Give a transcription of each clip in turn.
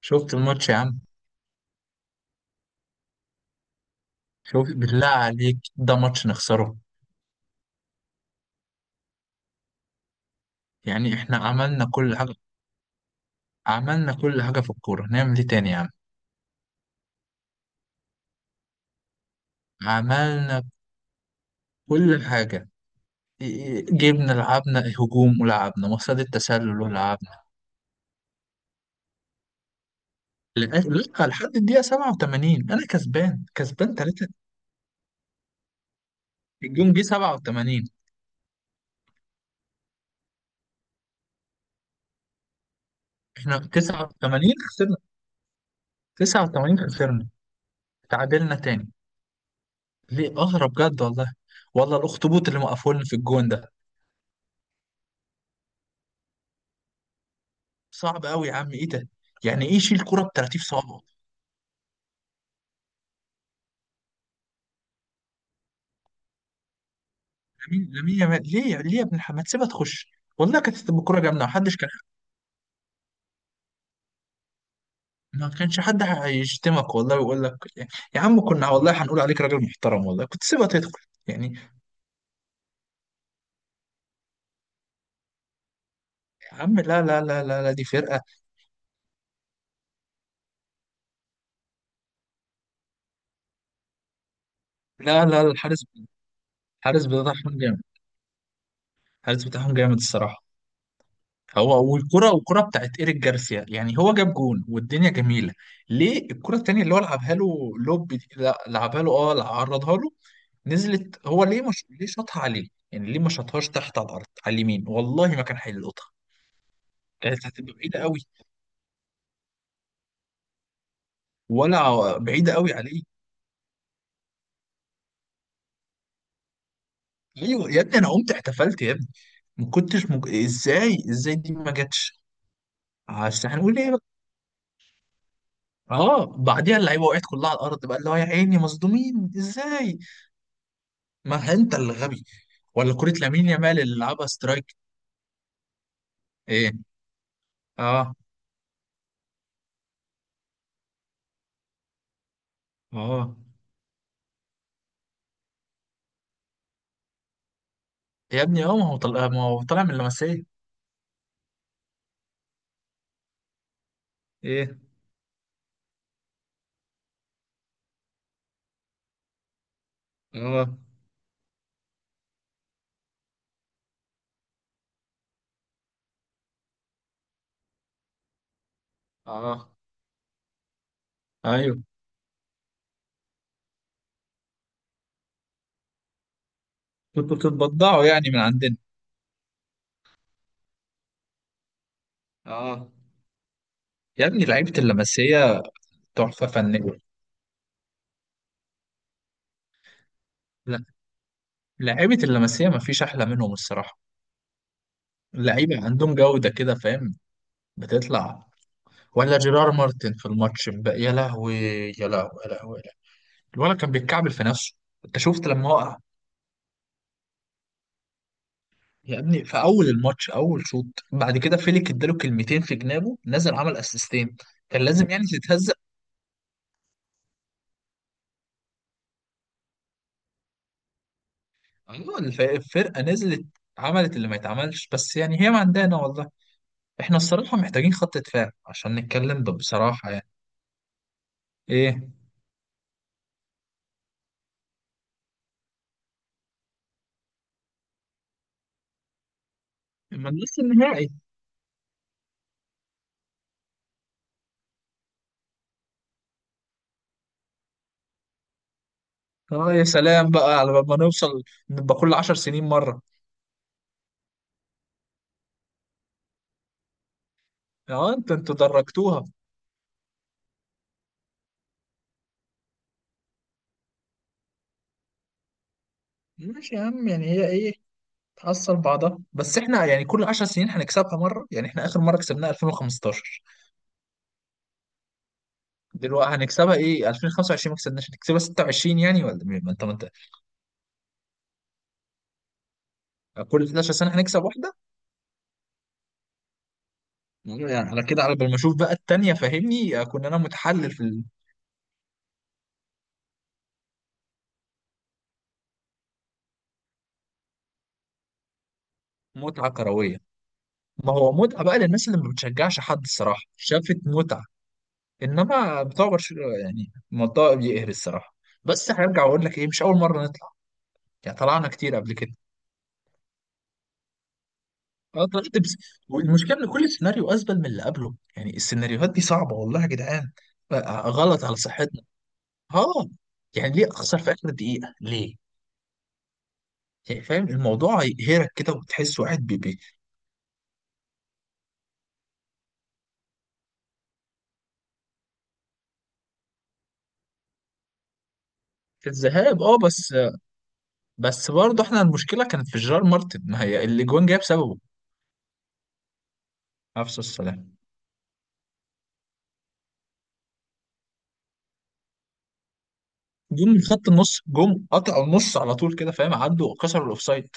شفت الماتش يا عم؟ شوف بالله عليك، ده ماتش نخسره؟ يعني احنا عملنا كل حاجة. عملنا كل حاجة في الكورة، نعمل ايه تاني يا عم؟ عملنا كل حاجة. إيه- إيه، جبنا، لعبنا هجوم ولعبنا مصيدة التسلل ولعبنا لغاية... لأ، لحد الدقيقة 87 أنا كسبان ثلاثة. الجون جه 87. احنا 89 خسرنا، 89 خسرنا، تعادلنا تاني. ليه؟ أغرب بجد والله. والله الأخطبوط اللي موقفولنا في الجون ده صعب قوي يا عم، ايه ده؟ يعني ايه يشيل كرة ب 30 صوابعه؟ لامين، لامين يامال، ليه يا ابن الحمام ما تسيبها تخش؟ والله كانت هتبقى كرة جامدة، محدش كان... ما كانش حد هيشتمك والله ويقول لك يا عم، كنا والله هنقول عليك راجل محترم والله، كنت سيبها تدخل. يعني يا عم لا لا لا لا لا، دي فرقة. لا لا، الحارس بتاعهم جامد. الحارس بتاعهم جامد الصراحة. هو والكرة، والكرة بتاعت إيريك جارسيا، يعني هو جاب جون والدنيا جميلة. ليه الكرة التانية اللي هو لعبها له لوب دي، لا، لعبها له، اه، عرضها له، نزلت، هو ليه مش شاطها عليه؟ يعني ليه ما شاطهاش تحت على الأرض على اليمين، والله ما كان هيلقطها. كانت هتبقى بعيدة قوي. بعيدة قوي عليه. ليه يا ابني؟ أنا قمت احتفلت يا ابني. ما كنتش مج... إزاي، إزاي دي ما جاتش؟ عشان هنقول ايه بقى؟ اه، بعديها اللعيبه وقعت كلها على الارض بقى، اللي هو يا عيني مصدومين ازاي؟ ما انت اللي غبي. ولا كرة لامين يامال اللي لعبها سترايك. ايه؟ اه. اه يا ابني اه، ما هو طلع، ما هو طالع من لمسيه. ايه؟ اه. اه. ايوه، كنتوا بتتبضعوا يعني من عندنا. اه. يا ابني لعيبة اللمسية تحفة فنية. لا، لعيبة اللمسية ما فيش أحلى منهم الصراحة. اللعيبة عندهم جودة كده، فاهم. بتطلع... ولا جيرار مارتن في الماتش امبارح، يا لهوي، يا لهوي، يا لهوي، يا لهوي. الولد كان بيتكعبل في نفسه. انت شفت لما هو... يا ابني في اول الماتش، اول شوط، بعد كده فيليك اداله كلمتين في جنابه، نزل عمل اسيستين. كان لازم يعني تتهزق. ايوه، الفرقه نزلت، عملت اللي ما يتعملش، بس يعني هي ما عندنا والله. احنا الصراحه محتاجين خط دفاع عشان نتكلم بصراحه يعني. ايه؟ ما لسه النهائي. اه يا سلام بقى على ما نوصل. نبقى كل 10 سنين مره. اه انت انتوا درجتوها. ماشي يا عم، يعني هي ايه، تحصل بعضها. بس احنا يعني كل 10 سنين هنكسبها مره، يعني احنا اخر مره كسبناها 2015. دلوقتي هنكسبها ايه، 2025 ما كسبناش، هنكسبها 26 يعني، ولا مين؟ ما انت كل 11 سنه هنكسب واحده. يعني على كده، على بال ما اشوف بقى التانيه، فاهمني. كنا انا متحلل في المتعه الكرويه. ما هو متعه بقى للناس اللي ما بتشجعش حد، الصراحه شافت متعه. انما بتوع برشلونه يعني الموضوع بيقهر الصراحه. بس هرجع اقول لك ايه، مش اول مره نطلع، يعني طلعنا كتير قبل كده. اه طلعت بس. والمشكله ان كل سيناريو ازبل من اللي قبله، يعني السيناريوهات دي صعبه والله يا جدعان. بقى غلط على صحتنا. اه. يعني ليه اخسر في اخر دقيقه ليه؟ يعني فاهم الموضوع يقهرك كده، وتحس واحد بي بي. في الذهاب اه، بس. بس برضه احنا المشكله كانت في جيرار مارتن، ما هي اللي جون جاب سببه. نفس السلام. جم من خط النص، جم قطعوا النص على طول كده، فاهم، عدوا كسروا الاوفسايد.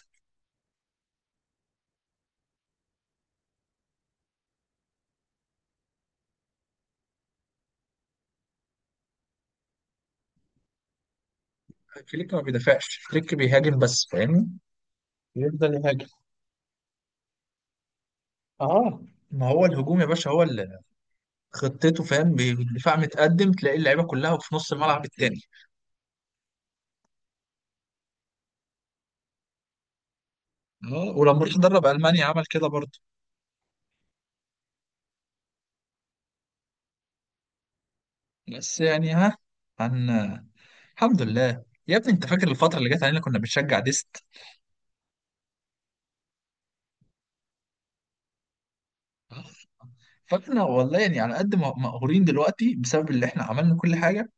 فليك ما بيدافعش، فليك بيهاجم بس فاهمني. يفضل يهاجم. اه، ما هو الهجوم يا باشا هو اللي خطته، فاهم، الدفاع متقدم، تلاقي اللعيبه كلها في نص الملعب التاني. اه، ولما راح درب المانيا عمل كده برضه. بس يعني، ها هن الحمد لله يا ابني. انت فاكر الفترة اللي جت علينا كنا بنشجع ديست؟ فاحنا والله يعني على قد ما مقهورين دلوقتي بسبب اللي احنا عملنا كل حاجة.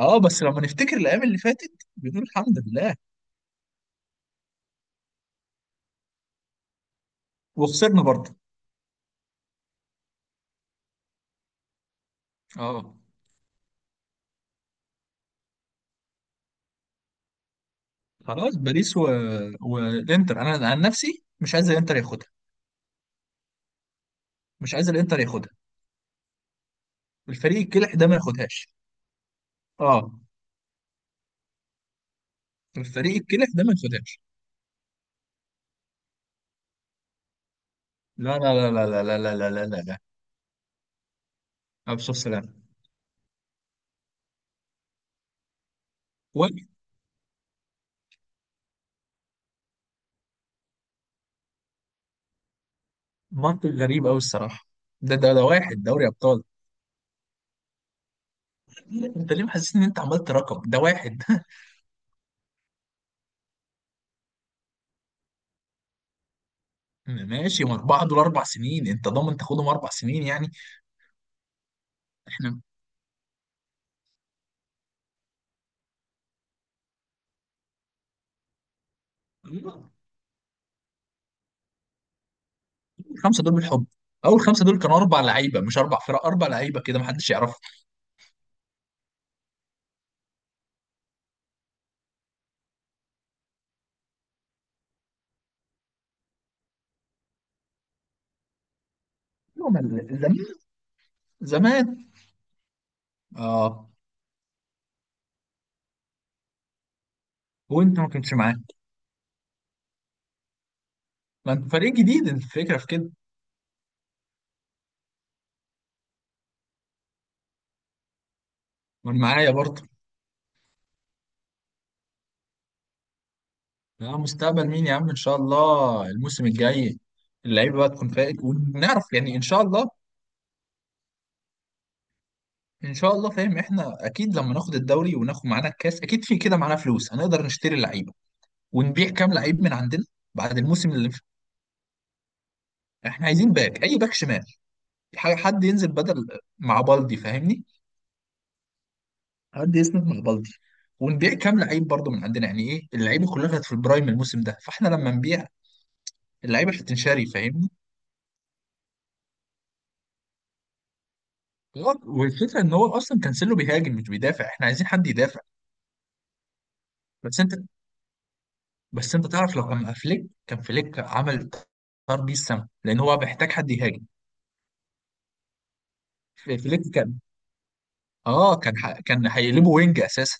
اه بس لما نفتكر الايام اللي فاتت بنقول الحمد لله. وخسرنا برضه. اه. خلاص باريس و... والانتر، انا عن نفسي مش عايز الانتر ياخدها. مش عايز الانتر ياخدها. الفريق الكلح ده ما ياخدهاش. اه. الفريق الكلح ده ما ياخدهاش. لا لا لا لا لا لا لا لا لا لا لا. أبو سلام. منطق غريب قوي الصراحه. ده واحد دوري ابطال. انت ليه محسس ان انت عملت رقم ده واحد؟ ماشي، ما اربعه دول 4 سنين، انت ضامن تاخدهم 4 سنين يعني؟ احنا. الخمسه دول بالحب. اول خمسه دول كانوا اربع لعيبه، مش اربع فرق، اربع لعيبه كده، ما حدش يعرفهم. زمان. زمان. اه. وانت ما كنتش معاه. ما انت فريق جديد، انت الفكره في كده. وانا معايا برضه. يا مستقبل مين يا عم، ان شاء الله الموسم الجاي اللعيبه بقى تكون فائق، ونعرف يعني ان شاء الله. ان شاء الله فاهم، احنا اكيد لما ناخد الدوري وناخد معانا الكاس اكيد في كده معانا فلوس، هنقدر نشتري لعيبه ونبيع كام لعيب من عندنا. بعد الموسم اللي فات، احنا عايزين باك، اي باك شمال، حد ينزل بدل مع بالدي فاهمني. حد يسند مع بالدي. ونبيع كام لعيب برضه من عندنا، يعني ايه، اللعيبه كلها كانت في البرايم الموسم ده، فاحنا لما نبيع اللعيبه هتنشري فاهمني. غلط. والفكره ان هو اصلا كانسيلو بيهاجم مش بيدافع، احنا عايزين حد يدافع. بس انت بس انت تعرف لو كان مع فليك كان فليك عمل... طار بيه السما لان هو محتاج حد يهاجم. فليك كان اه كان ح... كان هيقلبه وينج اساسا.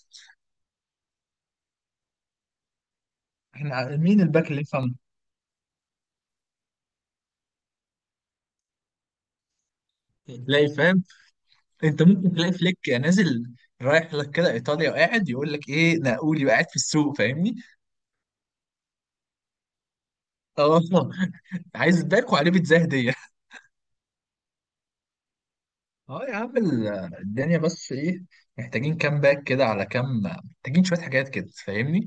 احنا مين الباك اللي يفهم. تلاقي فاهم، انت ممكن تلاقي فليك نازل رايح لك كده ايطاليا، وقاعد يقول لك ايه نقولي وقاعد في السوق فاهمني. اه عايز باك وعليه بيتزا هديه. اه يا عم الدنيا بس ايه، محتاجين كام باك كده، على كام، محتاجين شويه حاجات كده فاهمني.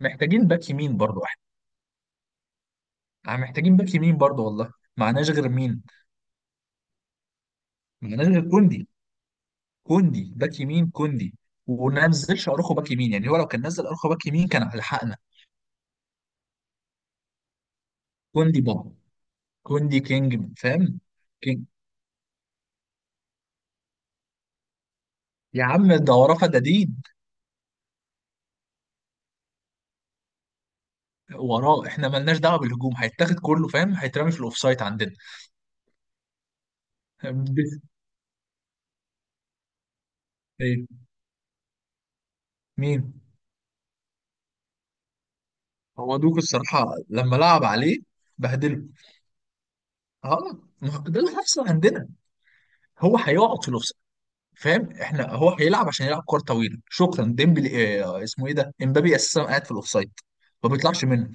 محتاجين باك يمين برضو. احنا محتاجين باك يمين برضه، والله معناش غير مين، معناش غير كوندي. كوندي باك يمين. كوندي. وما نزلش اروخو باك يمين، يعني هو لو كان نزل اروخو باك يمين كان هيلحقنا. كوندي بابا. كوندي كينج فاهم. كينج. يا عم ده وراه فدادين. وراه احنا ملناش دعوه بالهجوم، هيتاخد كله فاهم، هيترمي في الاوفسايد عندنا. بس- إيه، مين؟ هو دوك الصراحه لما لعب عليه بهدله. اه، ما هو ده اللي حصل عندنا. هو هيقعد في... فاهم احنا، هو هيلعب عشان يلعب كرة طويلة، شكرا ديمبلي، اه اسمه ايه ده، امبابي اساسا قاعد في الاوفسايد، ما بيطلعش منه.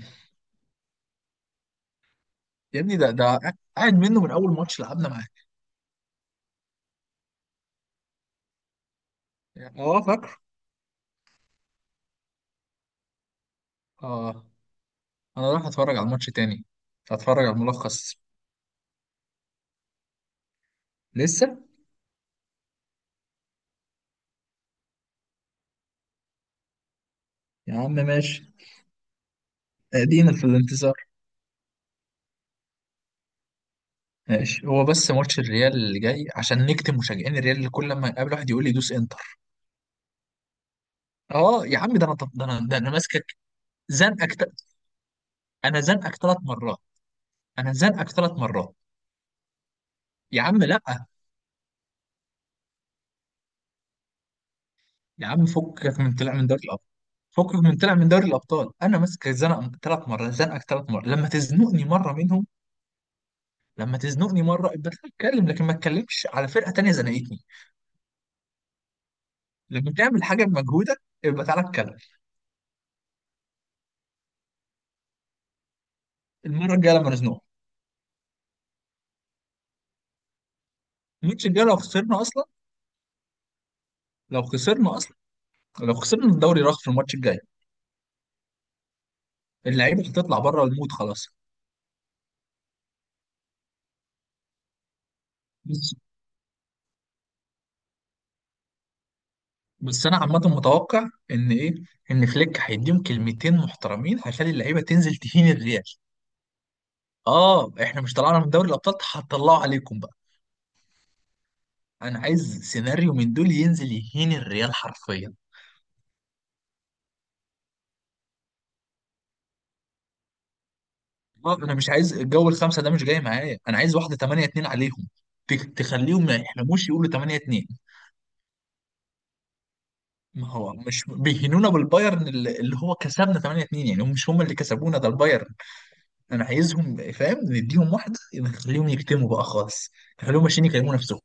يا ابني ده قاعد منه من اول ماتش لعبنا معاه. اه فاكر. اه. انا رايح اتفرج على الماتش تاني، هتفرج على الملخص. لسه يا عم، ماشي. ادينا في الانتظار. ماشي، هو بس ماتش الريال اللي جاي عشان نكتم مشجعين الريال اللي كل لما يقابل واحد يقول لي دوس انتر. اه يا عم، ده انا ماسكك، زنقك انا زنقك ثلاث مرات. انا زنقك ثلاث مرات. يا عم لا. يا عم فكك من طلع من دوري الابطال، فكك من طلع من دوري الابطال. انا ماسك الزنقه ثلاث مرات، زنقك ثلاث مرات، لما تزنقني مره منهم، لما تزنقني مره ابقى تعالى اتكلم، لكن ما تتكلمش على فرقه تانيه زنقتني. لما تعمل حاجه بمجهودك ابقى تعالى اتكلم. المره الجايه لما نزنقك. الماتش الجاي لو خسرنا اصلا، لو خسرنا اصلا، لو خسرنا الدوري راح في الماتش الجاي. اللعيبه هتطلع بره المود خلاص. بس بس انا عامه متوقع ان ايه، ان فليك هيديهم كلمتين محترمين، هيخلي اللعيبه تنزل تهين الريال. اه احنا مش طلعنا من دوري الابطال؟ هتطلعوا عليكم بقى. انا عايز سيناريو من دول ينزل يهين الريال حرفيا. انا مش عايز الجو الخمسه ده، مش جاي معايا، انا عايز واحده 8-2 عليهم، تخليهم ما يحلموش، يقولوا 8-2. ما هو مش بيهنونا بالبايرن اللي هو كسبنا 8-2 يعني، هم مش هم اللي كسبونا، ده البايرن. انا عايزهم فاهم نديهم واحده نخليهم يكتموا بقى خالص، نخليهم ماشيين يكلموا نفسهم.